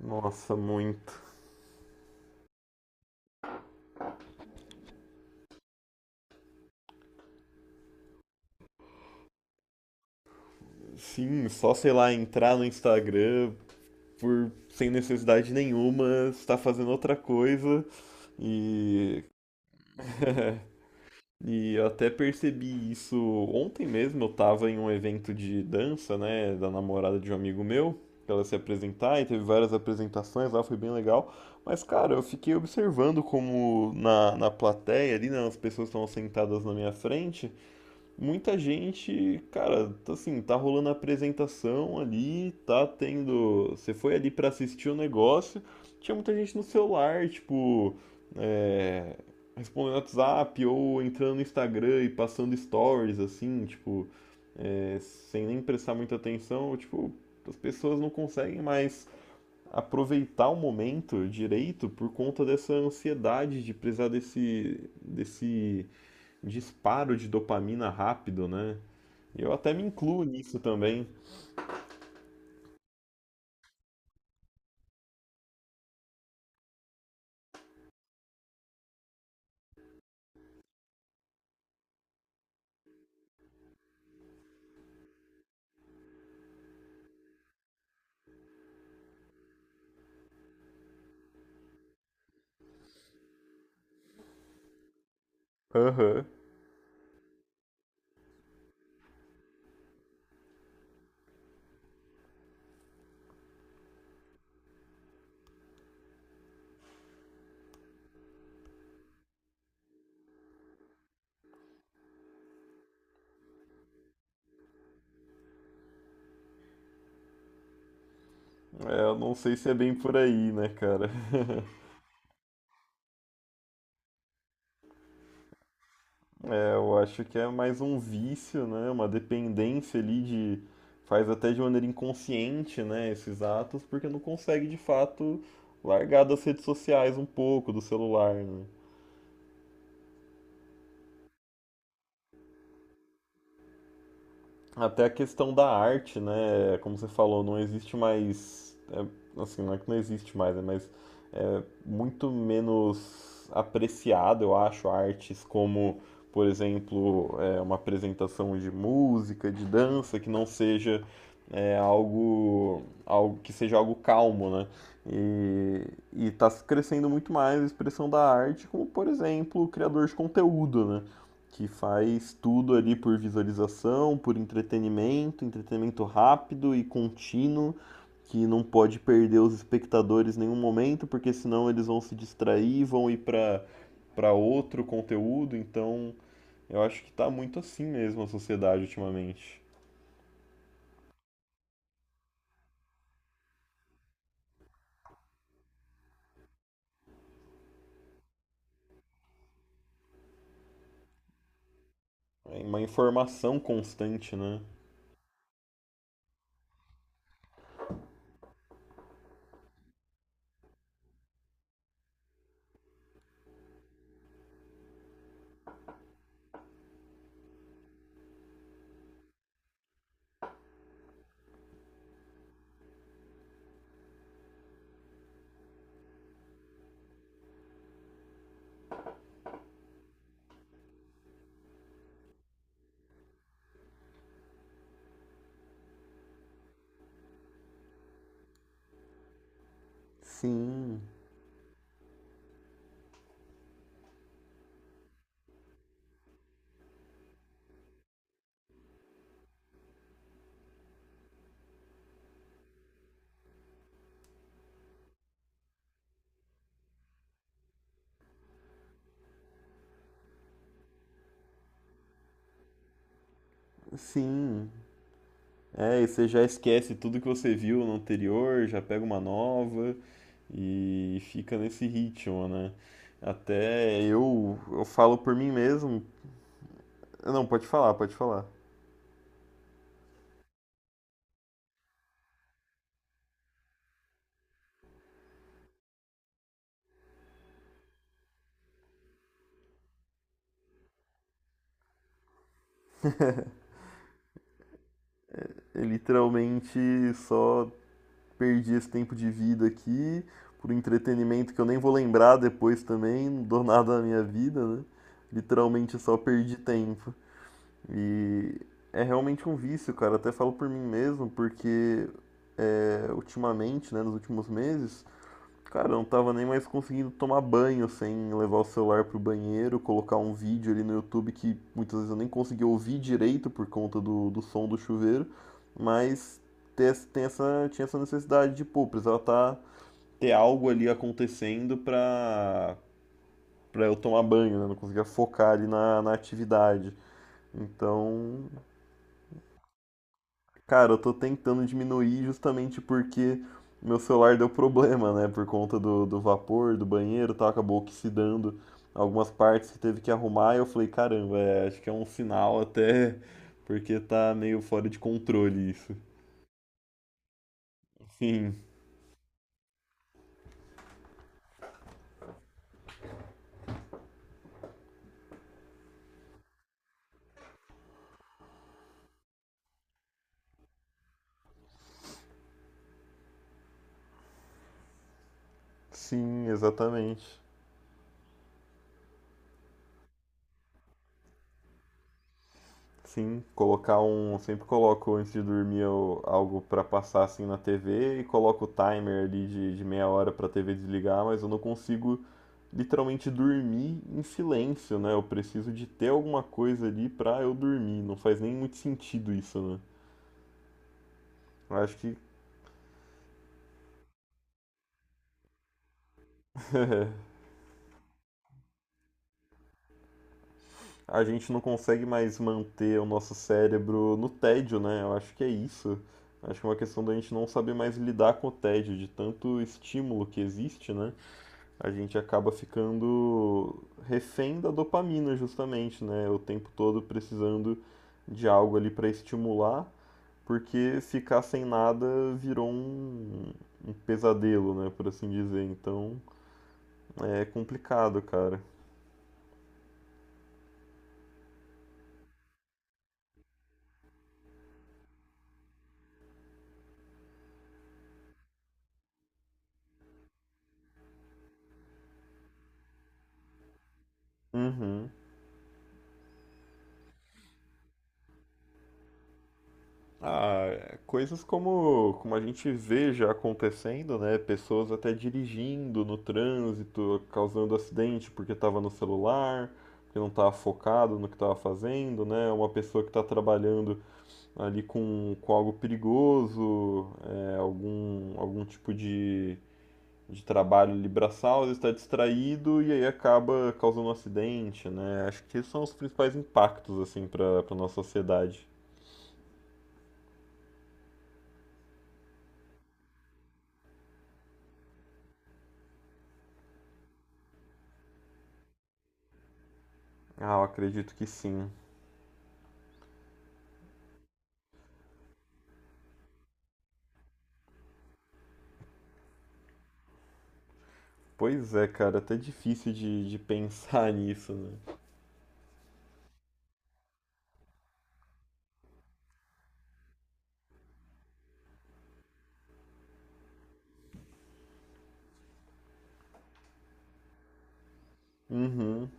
Nossa, muito. Sim, só sei lá, entrar no Instagram por sem necessidade nenhuma, estar fazendo outra coisa. E, e eu até percebi isso ontem mesmo. Eu tava em um evento de dança, né, da namorada de um amigo meu, pra ela se apresentar, e teve várias apresentações lá, foi bem legal. Mas, cara, eu fiquei observando como na plateia ali, né, as pessoas estavam sentadas na minha frente. Muita gente, cara, tá assim, tá rolando a apresentação ali, tá tendo. Você foi ali pra assistir o negócio, tinha muita gente no celular, tipo, é, respondendo WhatsApp ou entrando no Instagram e passando stories, assim, tipo, sem nem prestar muita atenção, tipo, as pessoas não conseguem mais aproveitar o momento direito por conta dessa ansiedade de precisar desse disparo de dopamina rápido, né? E eu até me incluo nisso também. Aham. É, eu não sei se é bem por aí, né, cara? É, eu acho que é mais um vício, né? Uma dependência ali de. Faz até de maneira inconsciente, né? Esses atos, porque não consegue de fato largar das redes sociais um pouco, do celular, né? Até a questão da arte, né? Como você falou, não existe mais. Assim, não é que não existe mais, né? Mas é muito menos apreciado, eu acho, artes como, por exemplo, uma apresentação de música, de dança, que não seja algo que seja algo calmo, né? E está crescendo muito mais a expressão da arte, como, por exemplo, o criador de conteúdo, né? Que faz tudo ali por visualização, por entretenimento, entretenimento rápido e contínuo, que não pode perder os espectadores em nenhum momento, porque senão eles vão se distrair, vão ir para outro conteúdo, então eu acho que tá muito assim mesmo a sociedade ultimamente. É uma informação constante, né? Sim, sim. É, e você já esquece tudo que você viu no anterior, já pega uma nova e fica nesse ritmo, né? Até eu falo por mim mesmo. Não, pode falar, pode falar. Eu literalmente só perdi esse tempo de vida aqui por entretenimento que eu nem vou lembrar depois também, não dou nada na minha vida, né? Literalmente só perdi tempo. E é realmente um vício, cara. Até falo por mim mesmo, porque ultimamente, né, nos últimos meses, cara, eu não tava nem mais conseguindo tomar banho sem levar o celular pro banheiro, colocar um vídeo ali no YouTube que muitas vezes eu nem conseguia ouvir direito por conta do som do chuveiro, mas tem essa, tinha essa necessidade de, pô, precisava tá, ter algo ali acontecendo pra, pra eu tomar banho, né? Não conseguia focar ali na atividade. Então, cara, eu tô tentando diminuir justamente porque meu celular deu problema, né? Por conta do vapor, do banheiro, tá? Acabou oxidando algumas partes que teve que arrumar. E eu falei, caramba, é, acho que é um sinal até, porque tá meio fora de controle isso. Sim, sim, exatamente. Sim, colocar um. Sempre coloco antes de dormir algo pra passar assim na TV e coloco o timer ali de meia hora pra TV desligar, mas eu não consigo literalmente dormir em silêncio, né? Eu preciso de ter alguma coisa ali pra eu dormir. Não faz nem muito sentido isso, né? Eu acho que a gente não consegue mais manter o nosso cérebro no tédio, né? Eu acho que é isso. Acho que é uma questão da gente não saber mais lidar com o tédio, de tanto estímulo que existe, né? A gente acaba ficando refém da dopamina, justamente, né? O tempo todo precisando de algo ali para estimular, porque ficar sem nada virou um pesadelo, né? Por assim dizer. Então é complicado, cara. Uhum. Ah, coisas como, como a gente vê já acontecendo, né? Pessoas até dirigindo no trânsito, causando acidente porque estava no celular, porque não estava focado no que estava fazendo, né? Uma pessoa que está trabalhando ali com algo perigoso, algum tipo de trabalho ali braçal, ele está distraído e aí acaba causando um acidente, né? Acho que esses são os principais impactos, assim, para nossa sociedade. Ah, eu acredito que sim. Pois é, cara, até difícil de pensar nisso, né? Uhum.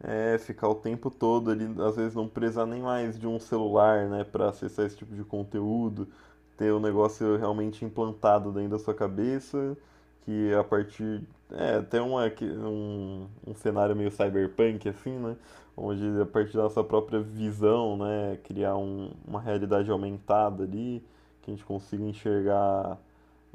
É, ficar o tempo todo ali, às vezes não precisar nem mais de um celular, né, pra acessar esse tipo de conteúdo, ter o negócio realmente implantado dentro da sua cabeça, que a partir. É, até um cenário meio cyberpunk, assim, né? Onde a partir da nossa própria visão, né, criar uma realidade aumentada ali, que a gente consiga enxergar.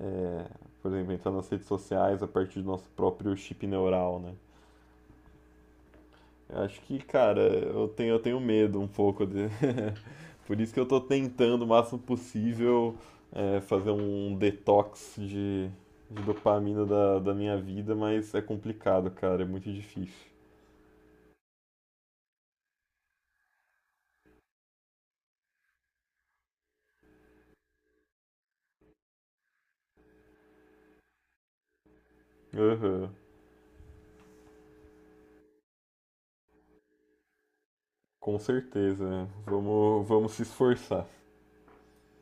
É, por exemplo, entrar nas redes sociais a partir do nosso próprio chip neural, né? Eu acho que, cara, eu tenho medo um pouco de. Por isso que eu tô tentando o máximo possível fazer um detox de dopamina da minha vida, mas é complicado, cara, é muito difícil. Aham. Com certeza, né? Vamos, vamos se esforçar.